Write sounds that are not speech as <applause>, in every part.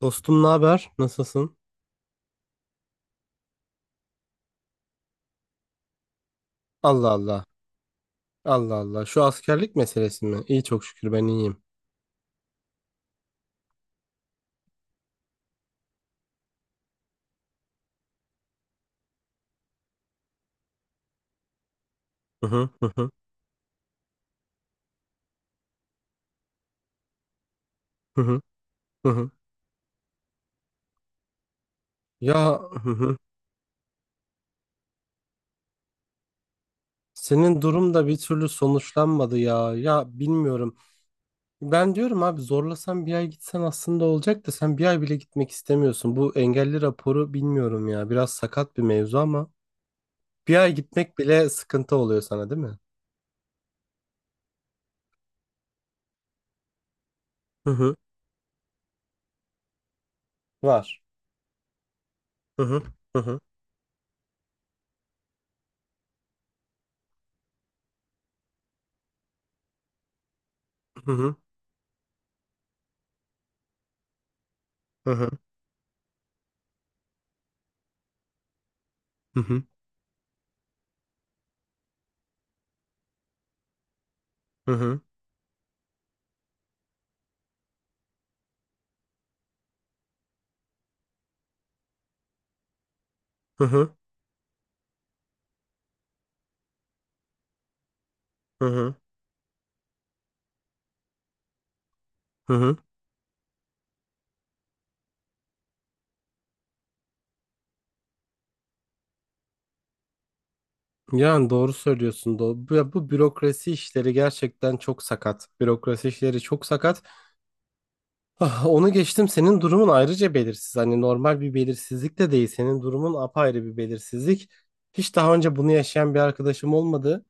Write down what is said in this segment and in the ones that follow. Dostum ne haber? Nasılsın? Allah Allah. Allah Allah. Şu askerlik meselesi mi? İyi çok şükür ben iyiyim. Hı hı hı hı hı hı. Hı hı. Ya hı hı. Senin durum da bir türlü sonuçlanmadı ya. Ya bilmiyorum. Ben diyorum abi zorlasan bir ay gitsen aslında olacak da sen bir ay bile gitmek istemiyorsun. Bu engelli raporu bilmiyorum ya. Biraz sakat bir mevzu ama bir ay gitmek bile sıkıntı oluyor sana değil mi? Hı hı. Var. Hı hı. Hı hı. Hı hı. Hı hı. Hı hı. Hı hı. Hı hı. Hı hı. Hı hı. Yani doğru söylüyorsun. Doğru. Ya bu bürokrasi işleri gerçekten çok sakat. Bürokrasi işleri çok sakat. <laughs> Ah, onu geçtim. Senin durumun ayrıca belirsiz. Hani normal bir belirsizlik de değil. Senin durumun apayrı bir belirsizlik. Hiç daha önce bunu yaşayan bir arkadaşım olmadı.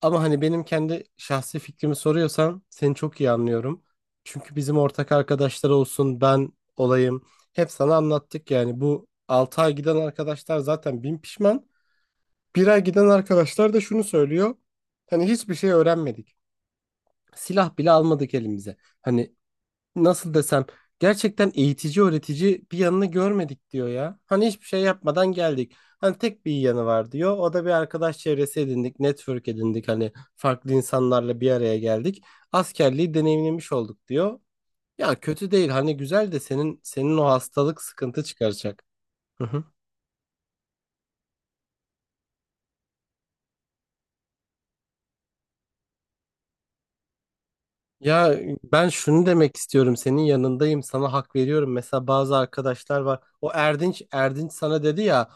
Ama hani benim kendi şahsi fikrimi soruyorsan seni çok iyi anlıyorum. Çünkü bizim ortak arkadaşlar olsun ben olayım. Hep sana anlattık yani bu 6 ay giden arkadaşlar zaten bin pişman. Bir ay giden arkadaşlar da şunu söylüyor. Hani hiçbir şey öğrenmedik. Silah bile almadık elimize. Hani nasıl desem gerçekten eğitici öğretici bir yanını görmedik diyor ya. Hani hiçbir şey yapmadan geldik. Hani tek bir iyi yanı var diyor. O da bir arkadaş çevresi edindik, network edindik. Hani farklı insanlarla bir araya geldik. Askerliği deneyimlemiş olduk diyor. Ya kötü değil. Hani güzel de senin o hastalık sıkıntı çıkaracak. <laughs> Ya ben şunu demek istiyorum, senin yanındayım, sana hak veriyorum. Mesela bazı arkadaşlar var. O Erdinç sana dedi ya,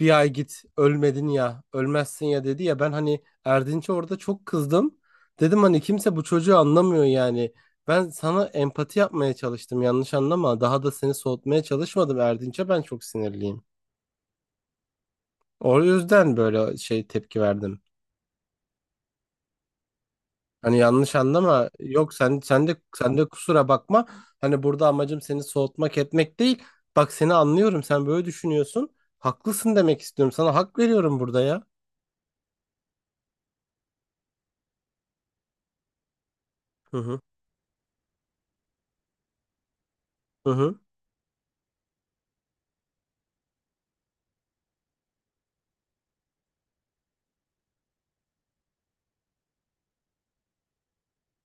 bir ay git ölmedin ya ölmezsin ya dedi ya, ben hani Erdinç'e orada çok kızdım. Dedim hani kimse bu çocuğu anlamıyor yani. Ben sana empati yapmaya çalıştım, yanlış anlama. Daha da seni soğutmaya çalışmadım, Erdinç'e ben çok sinirliyim. O yüzden böyle şey tepki verdim. Hani yanlış anlama. Yok sen de kusura bakma. Hani burada amacım seni soğutmak etmek değil. Bak, seni anlıyorum. Sen böyle düşünüyorsun. Haklısın demek istiyorum. Sana hak veriyorum burada ya. Hı hı. Hı hı.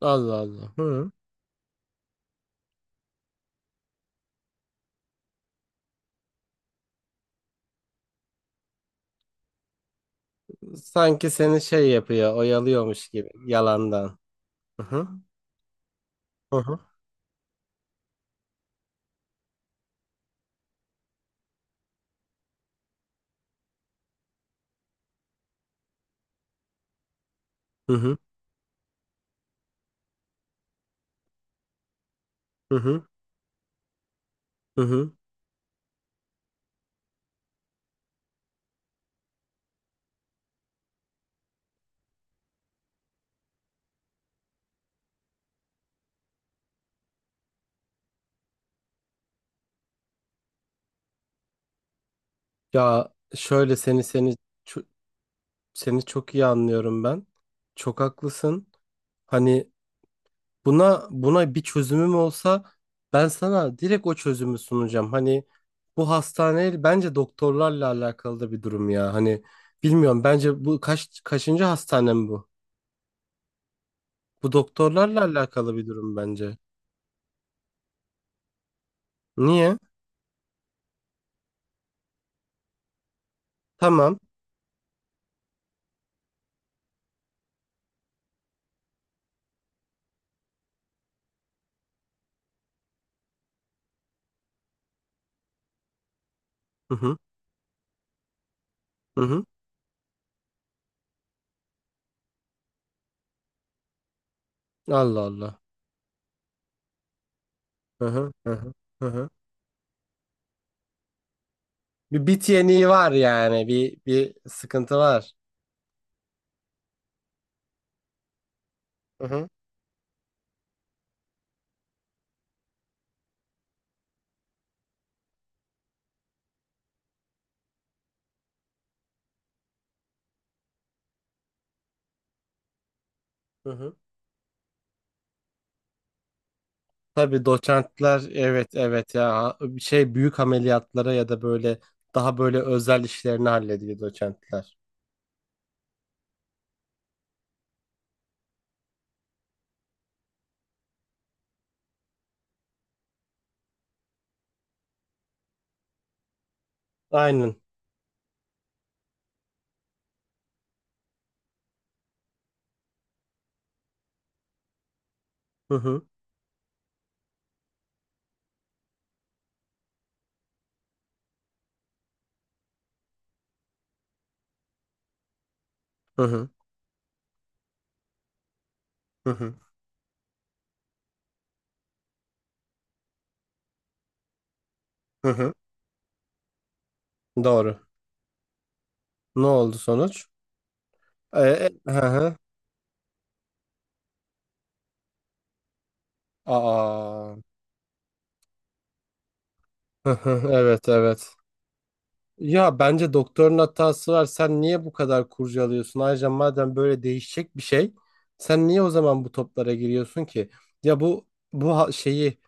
Allah Allah. Hı. Sanki seni şey yapıyor, oyalıyormuş gibi yalandan. Hı hı. Hı hı. Hı hı. Hı hı. Hı hı. Ya şöyle ço- seni çok iyi anlıyorum ben. Çok haklısın. Hani buna bir çözümüm olsa ben sana direkt o çözümü sunacağım. Hani bu hastane bence doktorlarla alakalı da bir durum ya. Hani bilmiyorum, bence bu kaçıncı hastanem bu? Bu doktorlarla alakalı bir durum bence. Niye? Tamam. Hı hı. Hı hı. Allah Allah. Hı hı. Hı hı. Hı hı. Bir bit yeniği var yani. Bir sıkıntı var. Hı hı. Hı hı. Tabii, doçentler, evet evet, ya bir şey büyük ameliyatlara ya da böyle daha böyle özel işlerini hallediyor doçentler. Aynen. Hı hı hı hı hı hı. Hı hı. Doğru. Ne oldu sonuç? Hı hı. Aa. Hı hı, evet evet. Ya bence doktorun hatası var. Sen niye bu kadar kurcalıyorsun? Ayrıca madem böyle değişecek bir şey, sen niye o zaman bu toplara giriyorsun ki? Ya bu şeyi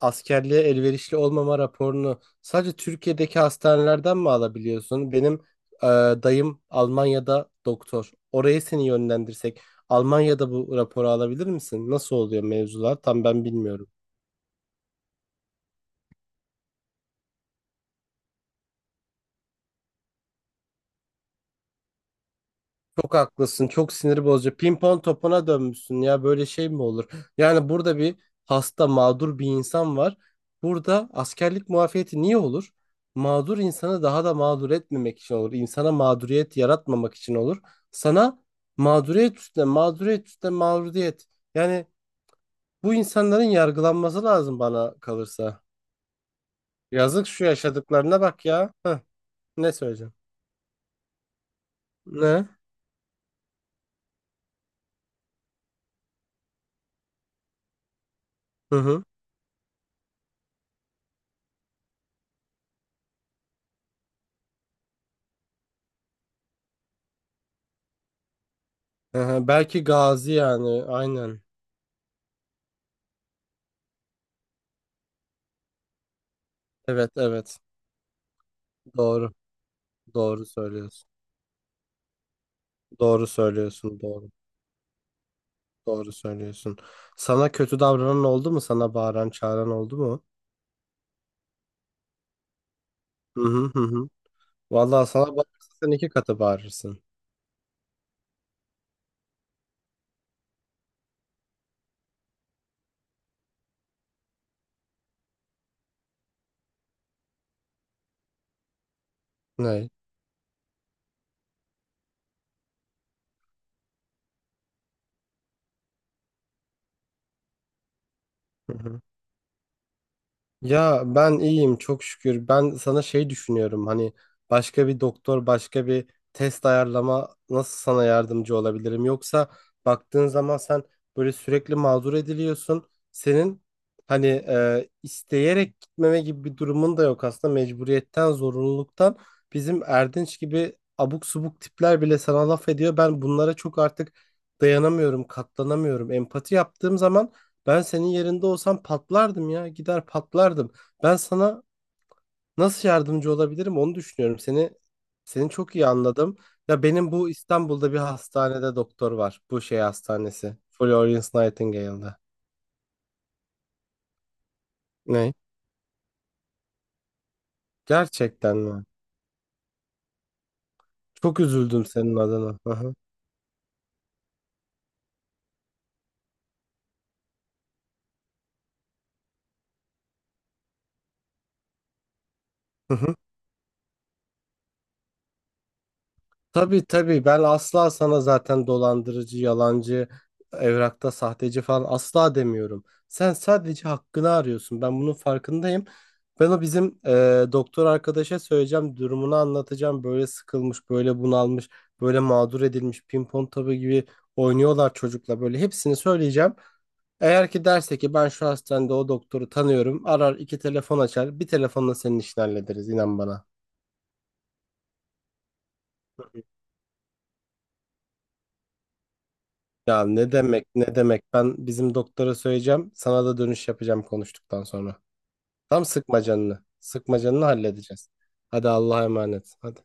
askerliğe elverişli olmama raporunu sadece Türkiye'deki hastanelerden mi alabiliyorsun? Benim e, dayım Almanya'da doktor. Oraya seni yönlendirsek Almanya'da bu raporu alabilir misin? Nasıl oluyor mevzular? Tam ben bilmiyorum. Çok haklısın. Çok sinir bozucu. Pimpon topuna dönmüşsün ya. Böyle şey mi olur? Yani burada bir hasta, mağdur bir insan var. Burada askerlik muafiyeti niye olur? Mağdur insanı daha da mağdur etmemek için olur. İnsana mağduriyet yaratmamak için olur. Sana mağduriyet üstüne, mağduriyet üstüne mağduriyet. Yani bu insanların yargılanması lazım bana kalırsa. Yazık şu yaşadıklarına bak ya. Heh, ne söyleyeceğim? Ne? Hı hı. Hı hı. Belki gazi yani. Aynen. Evet evet. Doğru. Doğru söylüyorsun. Doğru söylüyorsun. Doğru. Doğru söylüyorsun. Sana kötü davranan oldu mu? Sana bağıran, çağıran oldu mu? Hı hı hı. Hı. Vallahi sana bağırırsa sen iki katı bağırırsın. Ne? Hı hı. Ya ben iyiyim çok şükür. Ben sana şey düşünüyorum, hani başka bir doktor, başka bir test ayarlama, nasıl sana yardımcı olabilirim? Yoksa baktığın zaman sen böyle sürekli mağdur ediliyorsun. Senin hani isteyerek gitmeme gibi bir durumun da yok aslında, mecburiyetten zorunluluktan. Bizim Erdinç gibi abuk subuk tipler bile sana laf ediyor. Ben bunlara çok artık dayanamıyorum, katlanamıyorum. Empati yaptığım zaman ben senin yerinde olsam patlardım ya. Gider patlardım. Ben sana nasıl yardımcı olabilirim onu düşünüyorum. Seni çok iyi anladım. Ya benim bu İstanbul'da bir hastanede doktor var. Bu şey hastanesi. Florence Nightingale'da. Ne? Gerçekten mi? Çok üzüldüm senin adına. Hı hı. <laughs> Tabii tabii, ben asla sana zaten dolandırıcı, yalancı, evrakta sahteci falan asla demiyorum. Sen sadece hakkını arıyorsun. Ben bunun farkındayım. Ben o bizim doktor arkadaşa söyleyeceğim, durumunu anlatacağım. Böyle sıkılmış, böyle bunalmış, böyle mağdur edilmiş, pimpon tabu gibi oynuyorlar çocukla, böyle hepsini söyleyeceğim. Eğer ki derse ki ben şu hastanede o doktoru tanıyorum, arar iki telefon açar, bir telefonla senin işini hallederiz, inan bana. Ya ne demek ne demek, ben bizim doktora söyleyeceğim, sana da dönüş yapacağım konuştuktan sonra. Tam sıkma canını, sıkma canını, halledeceğiz. Hadi Allah'a emanet hadi.